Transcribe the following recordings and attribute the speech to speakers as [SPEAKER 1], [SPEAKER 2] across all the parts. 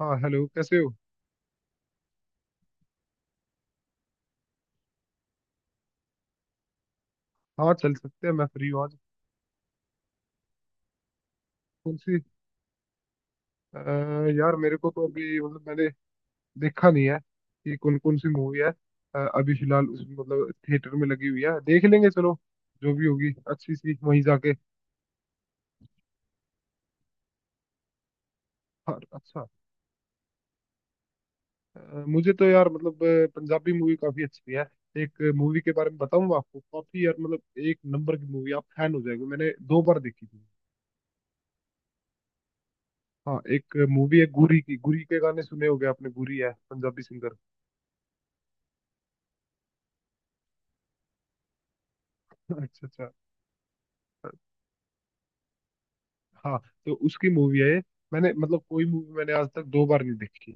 [SPEAKER 1] हाँ, हेलो, कैसे हो? हाँ, चल सकते हैं, मैं फ्री हूँ आज। कौन सी? अ, यार, मेरे को तो अभी मतलब मैंने देखा नहीं है कि कौन कौन सी मूवी है। अभी फिलहाल उस मतलब थिएटर में लगी हुई है, देख लेंगे चलो। जो भी होगी अच्छी सी, वहीं जाके। और अच्छा। मुझे तो यार मतलब पंजाबी मूवी काफी अच्छी है। एक मूवी के बारे में बताऊंगा आपको, काफी यार मतलब, एक नंबर की मूवी, आप फैन हो जाएंगे। मैंने दो बार देखी थी। हाँ, एक मूवी है गुरी की। गुरी के गाने सुने होंगे आपने। गुरी है पंजाबी सिंगर। अच्छा, अच्छा। हाँ, तो उसकी मूवी है ये। मैंने मतलब कोई मूवी मैंने आज तक दो बार नहीं देखी।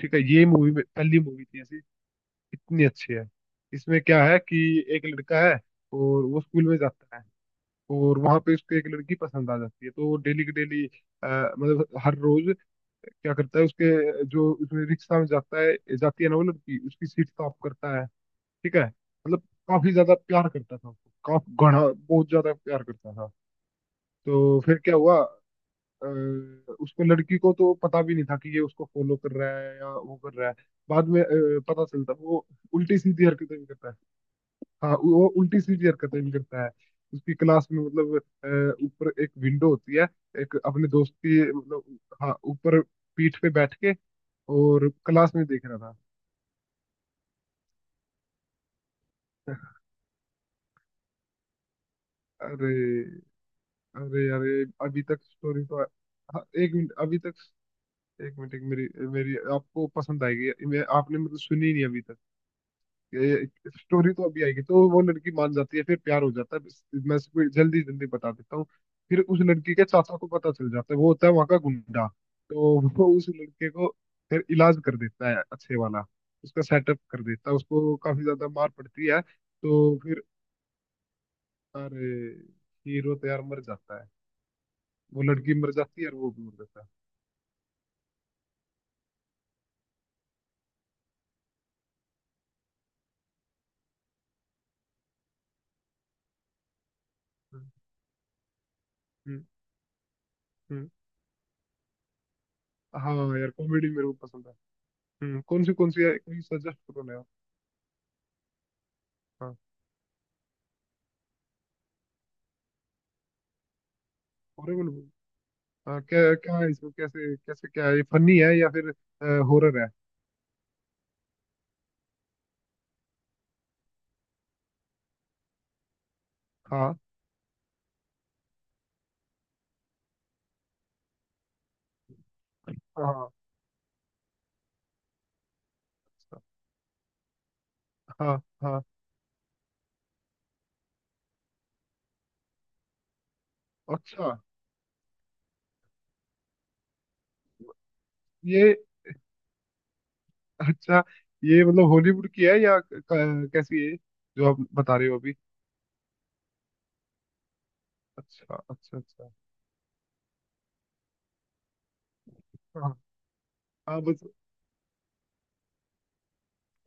[SPEAKER 1] ठीक है, ये पहली मूवी थी ऐसी। इतनी अच्छी है। इसमें क्या है कि एक लड़का है और वो स्कूल में जाता है। और वहां पे उसको एक लड़की पसंद आ जाती है, तो वो डेली की डेली, अ, मतलब हर रोज, क्या करता है, उसके जो उसमें रिक्शा में जाता है, जाती है ना वो लड़की, उसकी सीट साफ करता है। ठीक है, मतलब काफी ज्यादा प्यार करता था उसको, काफी घना, बहुत ज्यादा प्यार करता था। तो फिर क्या हुआ? अ, उसको, लड़की को तो पता भी नहीं था कि ये उसको फॉलो कर रहा है या वो कर रहा है। बाद में पता चलता। वो उल्टी सीधी हरकतें भी करता है। हाँ, वो उल्टी सीधी हरकतें भी करता है। उसकी क्लास में मतलब, ऊपर एक विंडो होती है। एक अपने दोस्त की मतलब, हाँ, ऊपर पीठ पे बैठ के और क्लास में देख रहा था। अरे, अरे, अरे, अभी तक स्टोरी तो, हाँ, एक मिनट, अभी तक एक मिनट, एक मेरी मेरी आपको पसंद आएगी, मैं आपने मतलब सुनी नहीं अभी तक। स्टोरी तो अभी आएगी। तो वो लड़की मान जाती है, फिर प्यार हो जाता है। बस मैं इसको जल्दी जल्दी बता देता हूँ। फिर उस लड़की के चाचा को पता चल जाता है, वो होता है वहां का गुंडा। तो वो उस लड़के को फिर इलाज कर देता है, अच्छे वाला उसका सेटअप कर देता है, उसको काफी ज्यादा मार पड़ती है, तो फिर अरे, हीरो तो यार मर जाता है। वो लड़की मर जाती है और वो भी मर जाता है। हम्म, हम्म, हम्म। हाँ, यार, कॉमेडी मेरे को पसंद है। कौन सी है, कोई सजेस्ट करो ना यार। हाँ, हॉरर। हाँ, क्या क्या है इसमें, कैसे कैसे क्या है, ये फनी है या फिर हॉरर है? हाँ हाँ, अच्छा, हाँ हाँ, अच्छा, ये अच्छा, ये मतलब हॉलीवुड की है या कैसी है जो आप बता रहे हो अभी? अच्छा, अच्छा, अच्छा। हाँ हाँ, बस।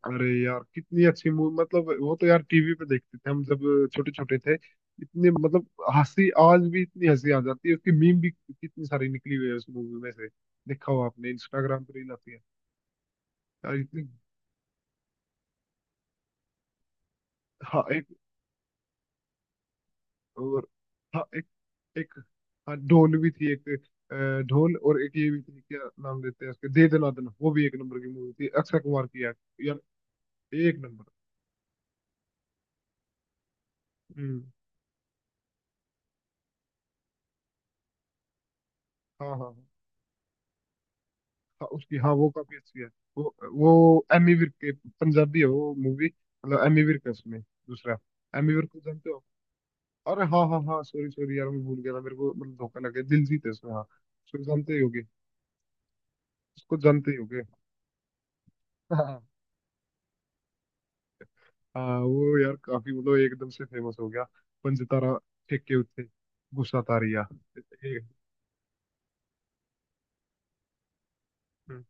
[SPEAKER 1] अरे यार, कितनी अच्छी मूवी मतलब, वो तो यार टीवी पे देखते थे हम, जब छोटे छोटे थे, इतने मतलब हंसी, आज भी इतनी हंसी आ जाती है। उसकी मीम भी कितनी सारी निकली हुई है उस मूवी में से। देखा हो आपने, इंस्टाग्राम पे रील आती है। यार, इतनी। हाँ, और हाँ, एक, एक, हाँ, ढोल भी थी एक। ढोल, और एक ये भी थी, क्या नाम देते हैं उसके, दे दना दना वो भी एक नंबर की मूवी थी अक्षय कुमार की यार। यार, एक नंबर। हम्म। हाँ हाँ हाँ। हाँ, उसकी, हाँ, वो काफी अच्छी है। वो एमी विर्क के, पंजाबी है वो मूवी, मतलब एमी विर्क है उसमें दूसरा। एमी विर्क को जानते हो? अरे, हाँ हाँ हाँ, सॉरी सॉरी यार, मैं भूल गया था, मेरे को मतलब धोखा लग गया। दिलजीत है उसमें, हाँ, उसको जानते ही होगे। उसको जानते ही होगे। हाँ, वो यार काफी मतलब एकदम से फेमस हो गया। पंजतारा, फेंक के उत्ते, गुस्सा तारिया। एक- हम्म,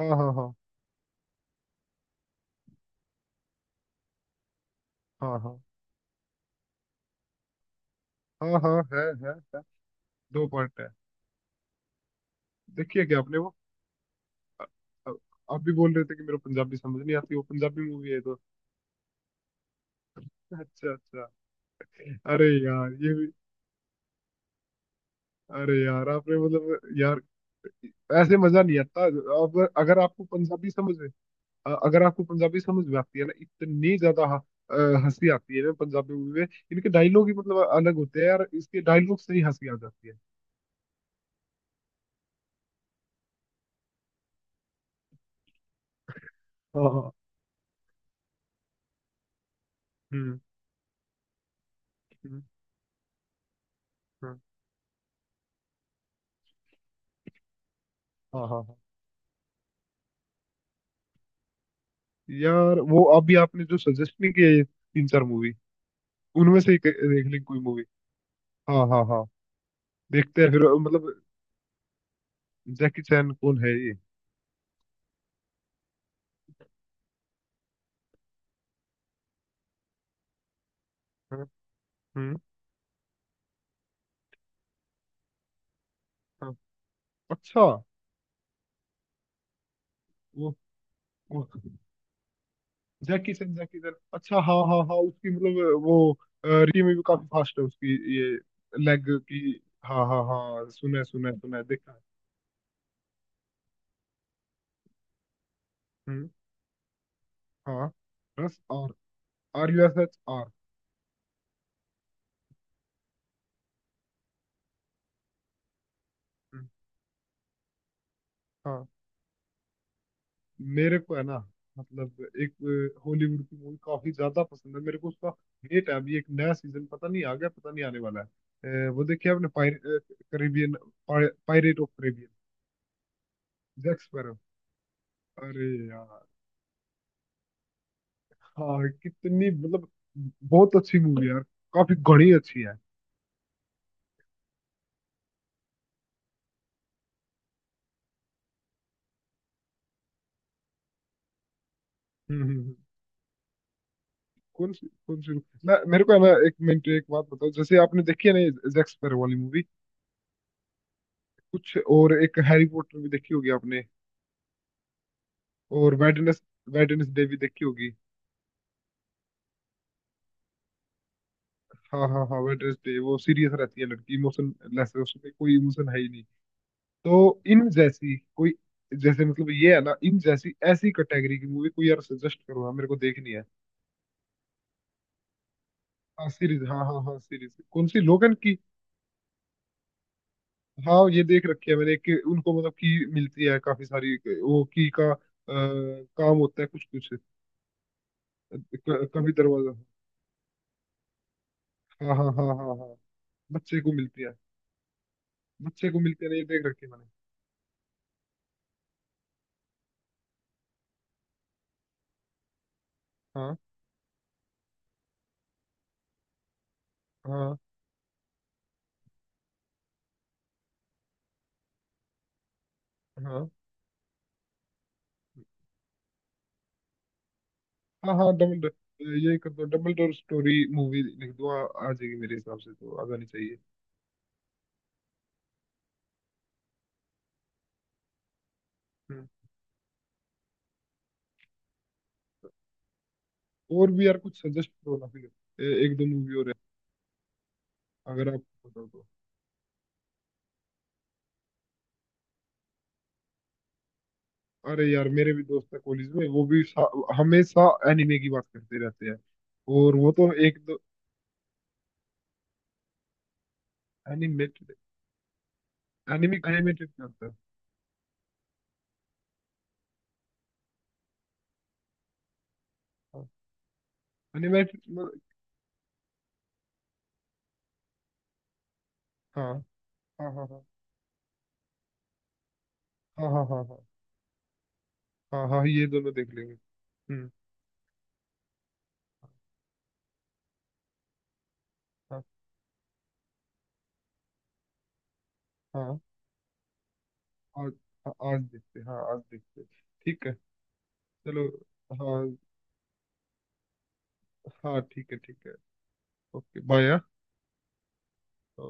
[SPEAKER 1] हाँ हाँ हाँ हाँ हाँ, हाँ हाँ, है है। दो पार्ट है। देखिए क्या आपने वो अ- अ- आप भी बोल रहे थे कि मेरा पंजाबी समझ नहीं आती, वो पंजाबी मूवी है तो। अच्छा, अच्छा। अरे यार, ये भी, अरे यार, आपने मतलब यार, ऐसे मजा नहीं आता। अब अगर आपको पंजाबी समझ, अगर आपको पंजाबी समझ में आती है ना, इतनी ज्यादा अ, हंसी आती है ना पंजाबी मूवी में। इनके डायलॉग ही मतलब अलग होते हैं यार, इसके डायलॉग से ही हंसी आ जाती है। हाँ हाँ। हम्म, हम्म, हाँ। हाँ हाँ हाँ। यार, वो अभी आपने जो सजेस्ट नहीं किया, ये तीन चार मूवी, उनमें से एक देख लें कोई मूवी। हाँ हाँ हाँ। देखते हैं फिर मतलब, जैकी चैन कौन है ये? हाँ, हम्म, हाँ। अच्छा, वो जैकी सन, जैकी सन, अच्छा, हाँ हाँ हाँ, उसकी मतलब वो रियली में भी काफी फास्ट है, उसकी ये लेग की। हाँ हाँ हाँ, सुना है, सुना है, सुना है, देखा है। हम्म। हाँ, plus R. R U S H R. हाँ, मेरे को है ना, मतलब एक हॉलीवुड की मूवी काफी ज्यादा पसंद है मेरे को, उसका वेट है अभी, एक नया सीजन पता नहीं आ गया, पता नहीं आने वाला है। वो देखिए आपने, pirate Caribbean, pirate of Caribbean, Jack Sparrow. अरे यार, हाँ, कितनी मतलब बहुत अच्छी मूवी यार, काफी घनी अच्छी है। हम्म, कौन सी कौन सी? ना, मेरे को है ना, एक मिनट, एक बात बताओ, जैसे आपने देखी है ना ये जैक स्पैरो वाली मूवी, कुछ और, एक हैरी पॉटर भी देखी होगी आपने, और वेडनेसडे भी देखी होगी। हाँ हाँ हाँ, वेडनेसडे, वो सीरियस रहती है लड़की, इमोशन लेस है, उसमें कोई इमोशन है ही नहीं। तो इन जैसी कोई, जैसे मतलब ये है ना, इन जैसी ऐसी कैटेगरी की मूवी कोई यार सजेस्ट करो, हाँ मेरे को देखनी है। हाँ, सीरीज, हाँ हाँ हाँ, सीरीज कौन सी, लोगन की? हाँ, ये देख रखी है मैंने, कि उनको मतलब की मिलती है काफी सारी। वो की का काम होता है कुछ कुछ। कभी दरवाजा। हाँ हाँ हाँ हाँ हाँ, बच्चे को मिलती है। बच्चे को मिलती है ना, ये देख रखी है मैंने। हाँ हाँ हाँ हाँ हाँ, ये कर दो, डबल डोर स्टोरी मूवी लिख दो, आ जाएगी, मेरे हिसाब से तो आ जानी चाहिए। हम्म। और भी यार कुछ सजेस्ट करो ना फिर, एक दो मूवी और है, अगर आप बताओ तो। अरे यार, मेरे भी दोस्त है कॉलेज में, वो भी हमेशा एनिमे की बात करते रहते हैं। और वो तो एक दो एनिमेटेड, एनिमे एनिमेटेड करता है। हाँ, एनिमेटेड। हाँ हाँ हाँ हाँ हाँ हाँ हाँ हाँ हाँ हाँ ये दोनों देख लेंगे, हम्म। हाँ। हाँ, आज। हाँ, आज देखते हैं, हाँ आज देखते हैं। ठीक है, चलो। हाँ। हाँ, ठीक है, ठीक है। Okay, bye.